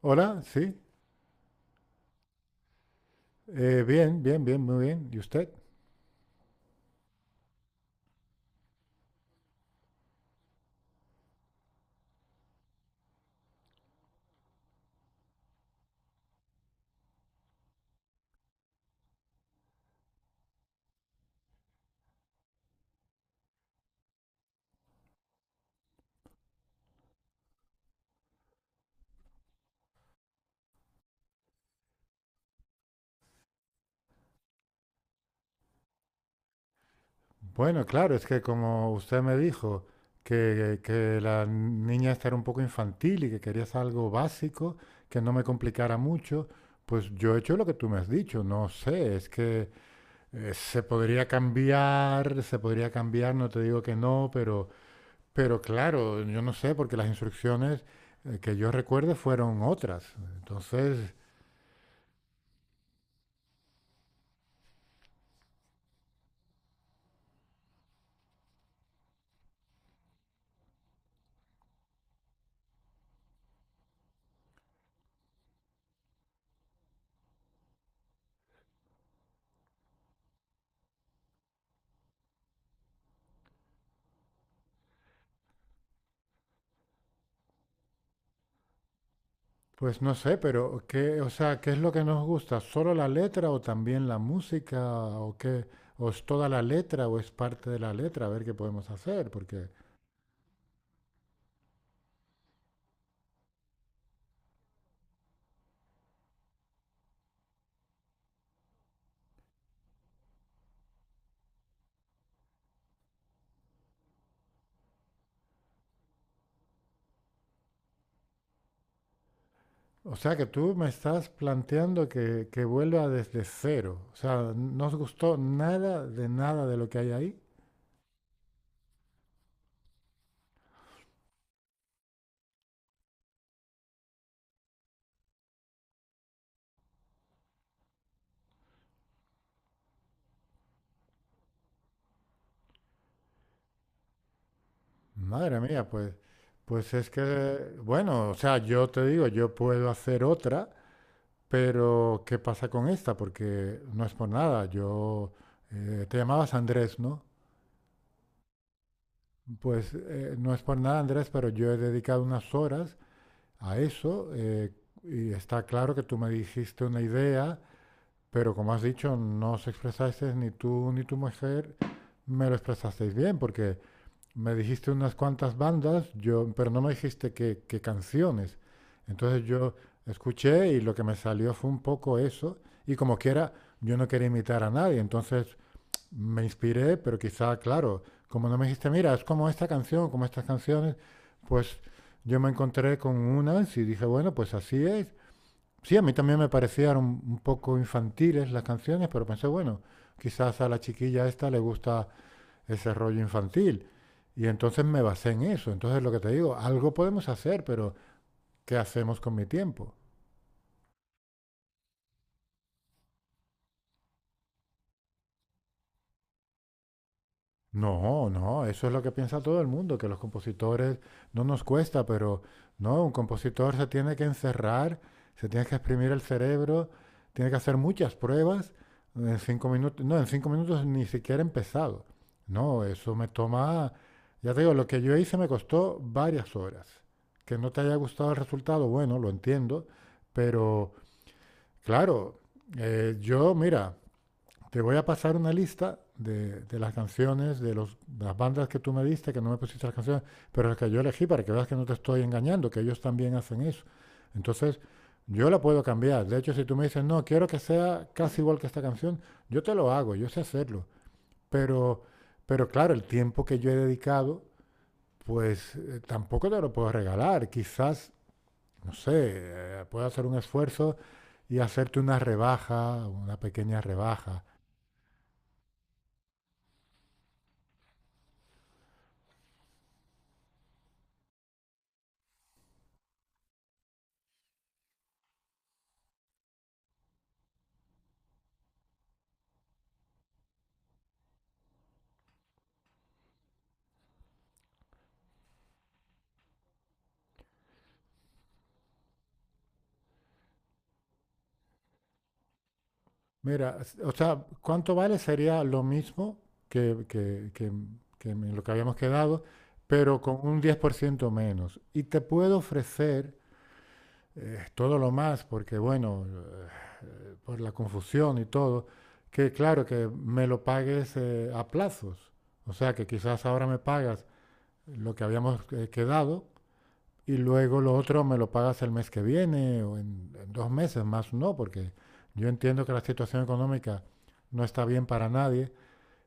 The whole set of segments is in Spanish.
Hola, sí. Bien, bien, bien, muy bien. ¿Y usted? Bueno, claro, es que como usted me dijo que la niña esta era un poco infantil y que querías algo básico, que no me complicara mucho, pues yo he hecho lo que tú me has dicho. No sé, es que se podría cambiar, no te digo que no, pero, claro, yo no sé, porque las instrucciones que yo recuerde fueron otras. Entonces, pues no sé, pero qué, o sea, ¿qué es lo que nos gusta? ¿Solo la letra o también la música o qué? ¿O es toda la letra o es parte de la letra? A ver qué podemos hacer, porque o sea que tú me estás planteando que vuelva desde cero. O sea, ¿no os gustó nada de nada de lo que hay ahí? Madre mía, pues, es que, bueno, o sea, yo te digo, yo puedo hacer otra, pero ¿qué pasa con esta? Porque no es por nada. Yo Te llamabas Andrés, ¿no? Pues, no es por nada, Andrés, pero yo he dedicado unas horas a eso, y está claro que tú me dijiste una idea, pero como has dicho, no os expresasteis ni tú ni tu mujer me lo expresasteis bien, porque me dijiste unas cuantas bandas, pero no me dijiste qué, canciones. Entonces yo escuché y lo que me salió fue un poco eso, y como quiera, yo no quería imitar a nadie, entonces me inspiré, pero quizá, claro, como no me dijiste, mira, es como esta canción, como estas canciones, pues yo me encontré con unas y dije, bueno, pues así es. Sí, a mí también me parecían un poco infantiles las canciones, pero pensé, bueno, quizás a la chiquilla esta le gusta ese rollo infantil. Y entonces me basé en eso. Entonces lo que te digo, algo podemos hacer, pero ¿qué hacemos con mi tiempo? No, no, eso es lo que piensa todo el mundo, que los compositores no nos cuesta, pero no, un compositor se tiene que encerrar, se tiene que exprimir el cerebro, tiene que hacer muchas pruebas en 5 minutos. No, en cinco minutos ni siquiera he empezado. No, eso me toma, ya te digo, lo que yo hice me costó varias horas. Que no te haya gustado el resultado, bueno, lo entiendo, pero claro, mira, te voy a pasar una lista de las canciones, de las bandas que tú me diste, que no me pusiste las canciones, pero las que yo elegí para que veas que no te estoy engañando, que ellos también hacen eso. Entonces, yo la puedo cambiar. De hecho, si tú me dices, no, quiero que sea casi igual que esta canción, yo te lo hago, yo sé hacerlo. Pero, claro, el tiempo que yo he dedicado, pues, tampoco te lo puedo regalar. Quizás, no sé, puedo hacer un esfuerzo y hacerte una rebaja, una pequeña rebaja. Mira, o sea, ¿cuánto vale? Sería lo mismo que, que- que- que en lo que habíamos quedado, pero con un 10% menos. Y te puedo ofrecer, todo lo más, porque bueno, por la confusión y todo, que claro, que me lo pagues, a plazos. O sea, que quizás ahora me pagas lo que habíamos, quedado y luego lo otro me lo pagas el mes que viene o en, 2 meses más, no, porque yo entiendo que la situación económica no está bien para nadie,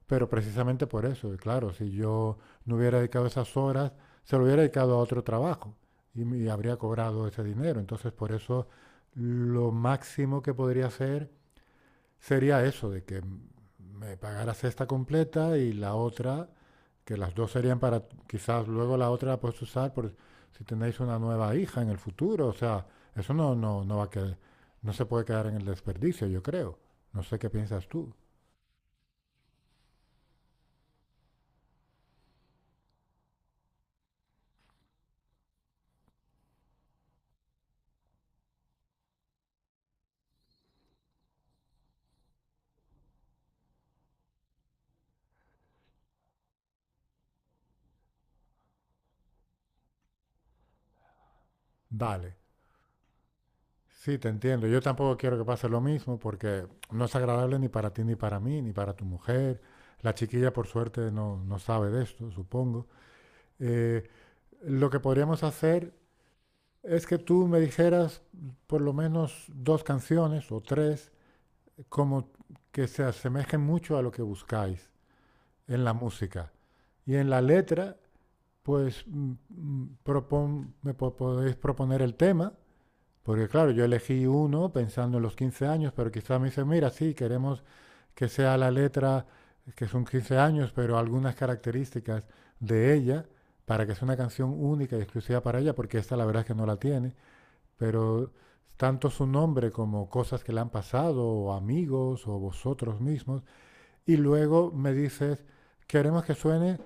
pero precisamente por eso, y claro, si yo no hubiera dedicado esas horas, se lo hubiera dedicado a otro trabajo y habría cobrado ese dinero. Entonces, por eso lo máximo que podría hacer sería eso, de que me pagaras esta completa y la otra, que las dos serían para quizás luego la otra la puedes usar por si tenéis una nueva hija en el futuro. O sea, eso no no no va a quedar, no se puede quedar en el desperdicio, yo creo. No sé qué piensas tú. Vale. Sí, te entiendo. Yo tampoco quiero que pase lo mismo porque no es agradable ni para ti ni para mí, ni para tu mujer. La chiquilla, por suerte, no, no sabe de esto, supongo. Eh, lo que podríamos hacer es que tú me dijeras por lo menos dos canciones o tres, como que se asemejen mucho a lo que buscáis en la música. Y en la letra, pues podéis proponer el tema, porque claro, yo elegí uno pensando en los 15 años, pero quizás me dicen, mira, sí, queremos que sea la letra, que son 15 años, pero algunas características de ella, para que sea una canción única y exclusiva para ella, porque esta la verdad es que no la tiene, pero tanto su nombre como cosas que le han pasado, o amigos, o vosotros mismos, y luego me dices, queremos que suene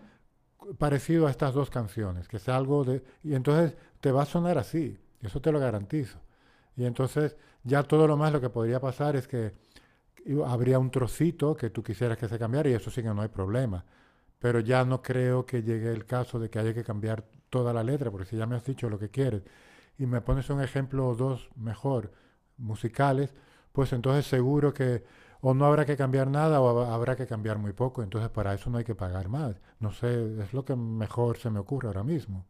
parecido a estas dos canciones, que sea algo de. Y entonces te va a sonar así, eso te lo garantizo. Y entonces ya todo lo más lo que podría pasar es que habría un trocito que tú quisieras que se cambiara, y eso sí que no hay problema. Pero ya no creo que llegue el caso de que haya que cambiar toda la letra, porque si ya me has dicho lo que quieres y me pones un ejemplo o dos mejor musicales, pues entonces seguro que o no habrá que cambiar nada o habrá que cambiar muy poco. Entonces para eso no hay que pagar más. No sé, es lo que mejor se me ocurre ahora mismo.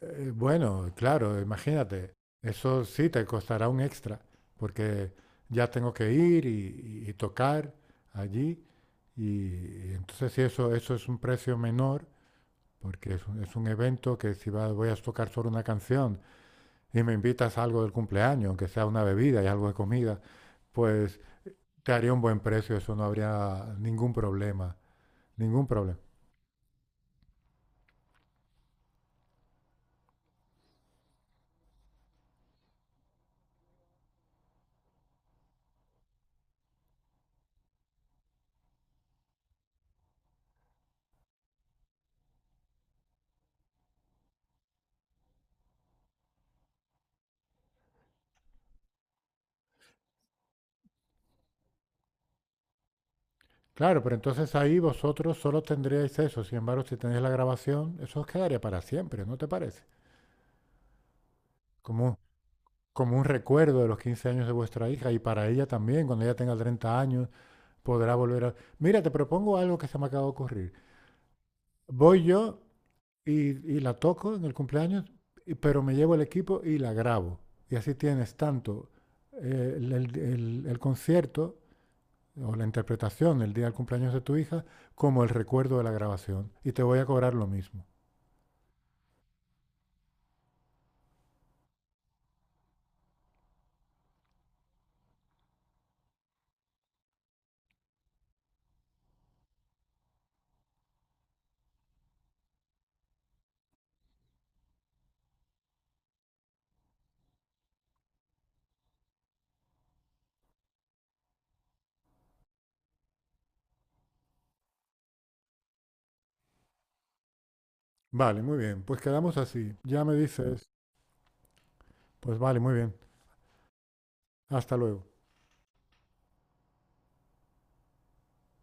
Bueno, claro, imagínate, eso sí te costará un extra, porque ya tengo que ir y tocar allí. Y entonces si eso, es un precio menor, porque es un evento que si voy a tocar solo una canción, y me invitas a algo del cumpleaños, aunque sea una bebida y algo de comida, pues te haría un buen precio, eso no habría ningún problema, ningún problema. Claro, pero entonces ahí vosotros solo tendríais eso, sin embargo, si tenéis la grabación, eso os quedaría para siempre, ¿no te parece? Como, como un recuerdo de los 15 años de vuestra hija, y para ella también, cuando ella tenga 30 años, podrá volver a. Mira, te propongo algo que se me acaba de ocurrir. Voy yo y la toco en el cumpleaños, pero me llevo el equipo y la grabo. Y así tienes tanto, el concierto o la interpretación el día del cumpleaños de tu hija, como el recuerdo de la grabación. Y te voy a cobrar lo mismo. Vale, muy bien. Pues quedamos así. Ya me dices, pues vale, muy bien. Hasta luego.